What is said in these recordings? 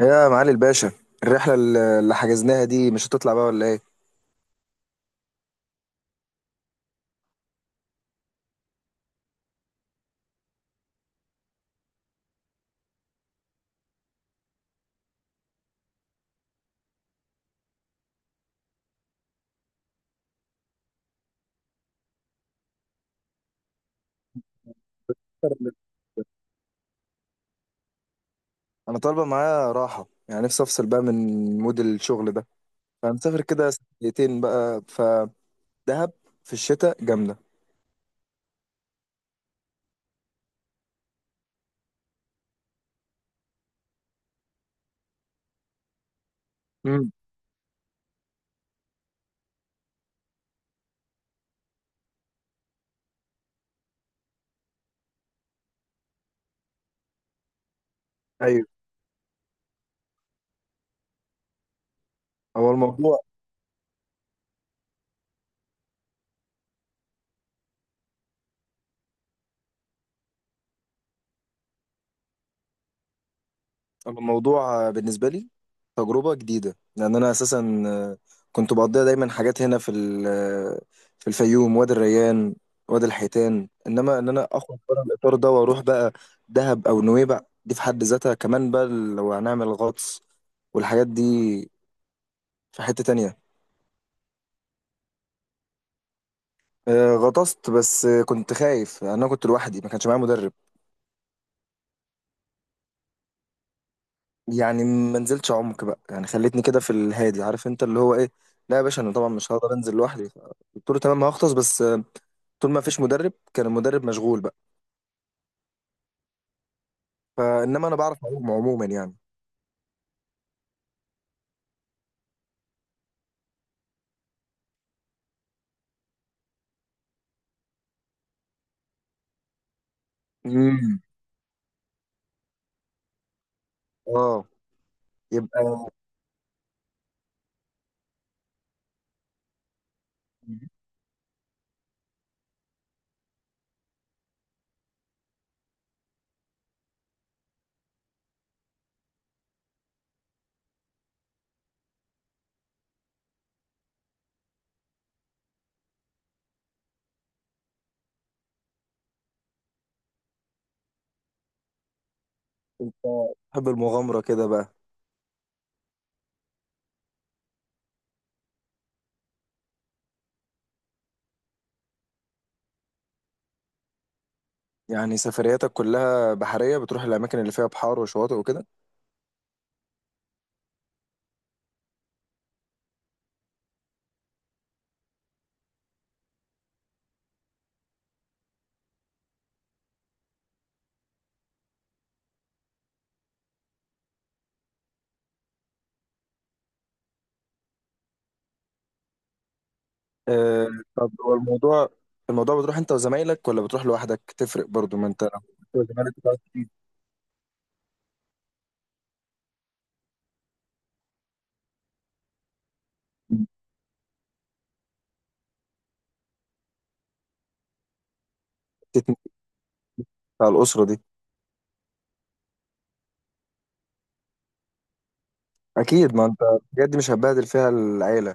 يا معالي الباشا، الرحلة اللي حجزناها دي مش هتطلع بقى ولا ايه؟ انا طالبة معايا راحة، يعني نفسي افصل بقى من مود الشغل ده، فهنسافر كده. سنتين بقى فدهب في الشتاء جامدة. امم. ايوه. هو الموضوع بالنسبة لي تجربة جديدة، لأن أنا أساسا كنت بقضيها دايما حاجات هنا في ال- آه، في الفيوم، وادي الريان، وادي الحيتان. إنما إن أنا أخرج بره الإطار ده وأروح بقى دهب أو نويبع، دي في حد ذاتها كمان بقى لو هنعمل غطس والحاجات دي، في حتة تانية. غطست، بس كنت خايف، أنا كنت لوحدي ما كانش معايا مدرب. يعني ما نزلتش عمق بقى، يعني خليتني كده في الهادي، عارف انت اللي هو ايه. لا يا باشا، انا طبعا مش هقدر انزل لوحدي. قلت له تمام هغطس، بس طول ما فيش مدرب، كان المدرب مشغول بقى، فانما انا بعرف اعوم عموما يعني. امم. اه. يبقى انت تحب المغامره كده بقى، يعني سفرياتك كلها بحريه، بتروح الاماكن اللي فيها بحار وشواطئ وكده. آه. طب هو الموضوع بتروح انت وزمايلك ولا بتروح لوحدك تفرق برضو؟ ما انت لو بتروح وزمايلك بتعرف تتنقل على الاسره دي. اكيد، ما انت بجد مش هتبهدل فيها العيله.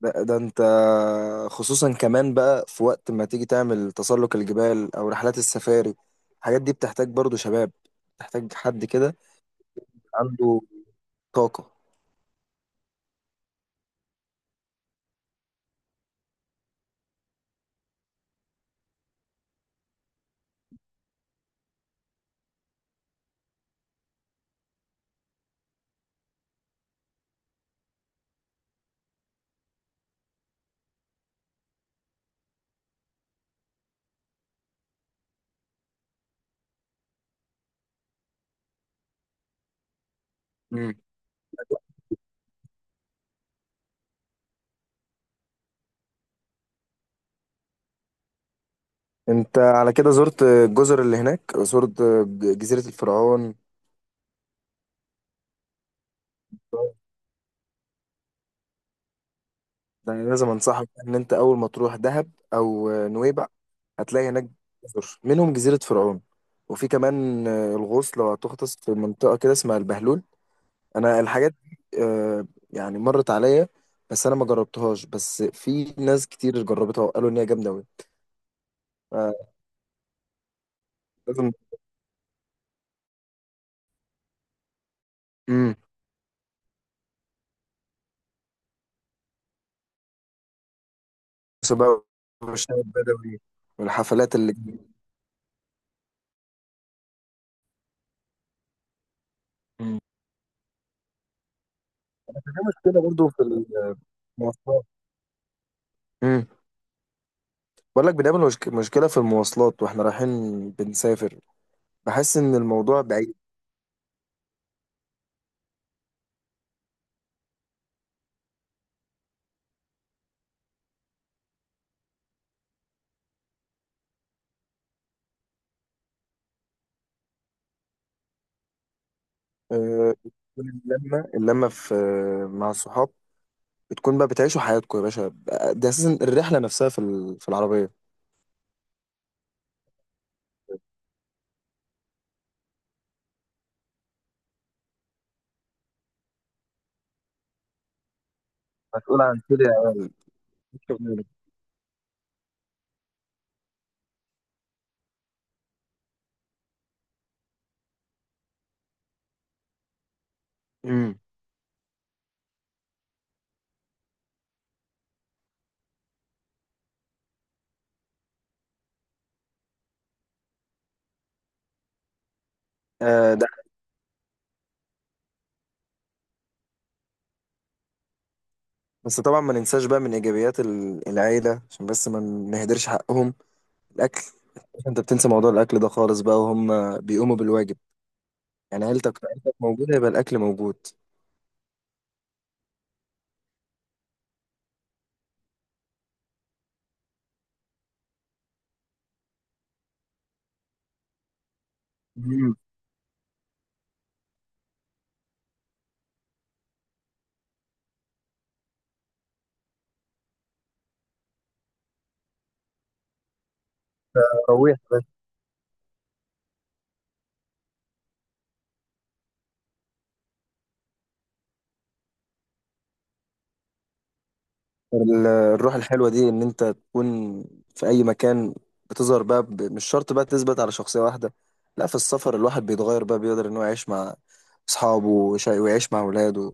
ده انت خصوصا، كمان بقى في وقت ما تيجي تعمل تسلق الجبال او رحلات السفاري، الحاجات دي بتحتاج برضو شباب، بتحتاج حد كده عنده طاقه. مم. انت على كده زرت الجزر اللي هناك، زرت جزيره الفرعون؟ ده أنا لازم انصحك ان انت اول ما تروح دهب او نويبع هتلاقي هناك جزر منهم جزيره فرعون، وفي كمان الغوص لو هتغطس في منطقه كده اسمها البهلول. انا الحاجات دي يعني مرت عليا، بس انا ما جربتهاش، بس في ناس كتير جربتها وقالوا ان هي جامده قوي. لازم. امم. سباق، والشاي البدوي، والحفلات اللي... مم. في مشكله برضو في المواصلات. امم. بقول لك بنقابل مشكله في المواصلات، واحنا رايحين بنسافر بحس ان الموضوع بعيد. بتكون اللمه اللمه في، مع الصحاب بتكون بقى بتعيشوا حياتكم يا باشا، ده اساسا الرحله نفسها في العربيه، مسؤول عن كده. امم. آه. ده بس طبعا ما ننساش بقى من ايجابيات العيله، عشان بس ما نهدرش حقهم: الاكل. انت بتنسى موضوع الاكل ده خالص بقى، وهم بيقوموا بالواجب، يعني عيلتك موجوده يبقى الاكل موجود. امم. روح بس. الروح الحلوه دي، ان انت تكون في اي مكان بتظهر بقى، مش شرط بقى تثبت على شخصيه واحده، لا في السفر الواحد بيتغير بقى، بيقدر ان هو يعيش مع اصحابه ويعيش مع اولاده،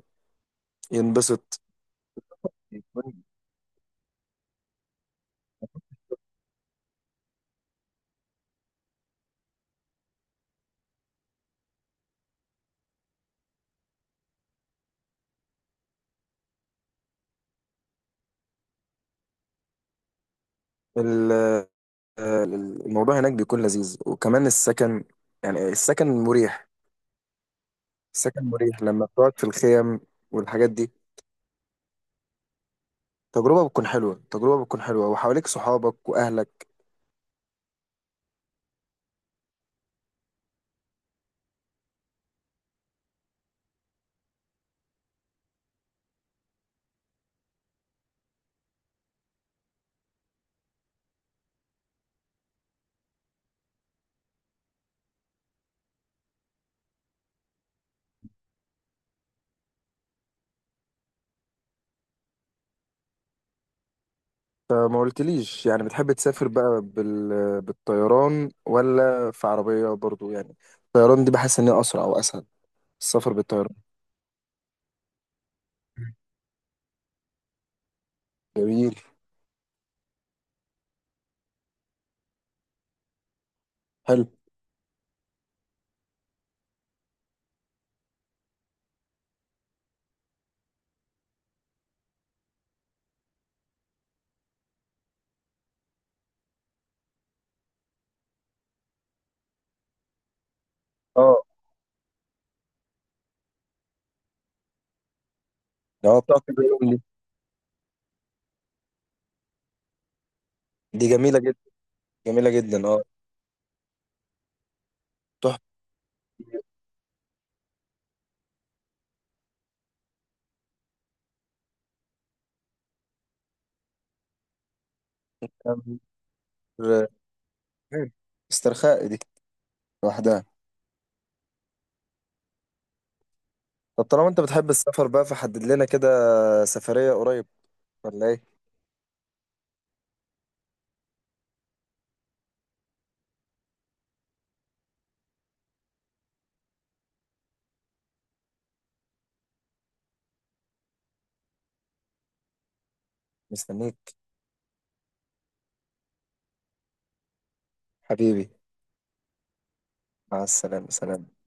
ينبسط. ال- الموضوع هناك بيكون لذيذ، وكمان السكن، يعني السكن مريح، السكن مريح لما بتقعد في الخيم والحاجات دي. تجربة بتكون حلوة، تجربة بتكون حلوة، وحواليك صحابك وأهلك. فما قلتليش، يعني بتحب تسافر بقى بالطيران ولا في عربية برضو يعني؟ الطيران دي بحس إن هي أسرع أو أسهل، السفر بالطيران. جميل. حلو. اه. اه، بتقعد كذا يوم دي؟ دي جميلة جدا، جميلة جدا اه. تحفة. استرخاء دي لوحدها. طب طالما انت بتحب السفر بقى، فحدد لنا كده سفرية قريب ولا ايه؟ مستنيك. حبيبي. مع السلامة، سلام.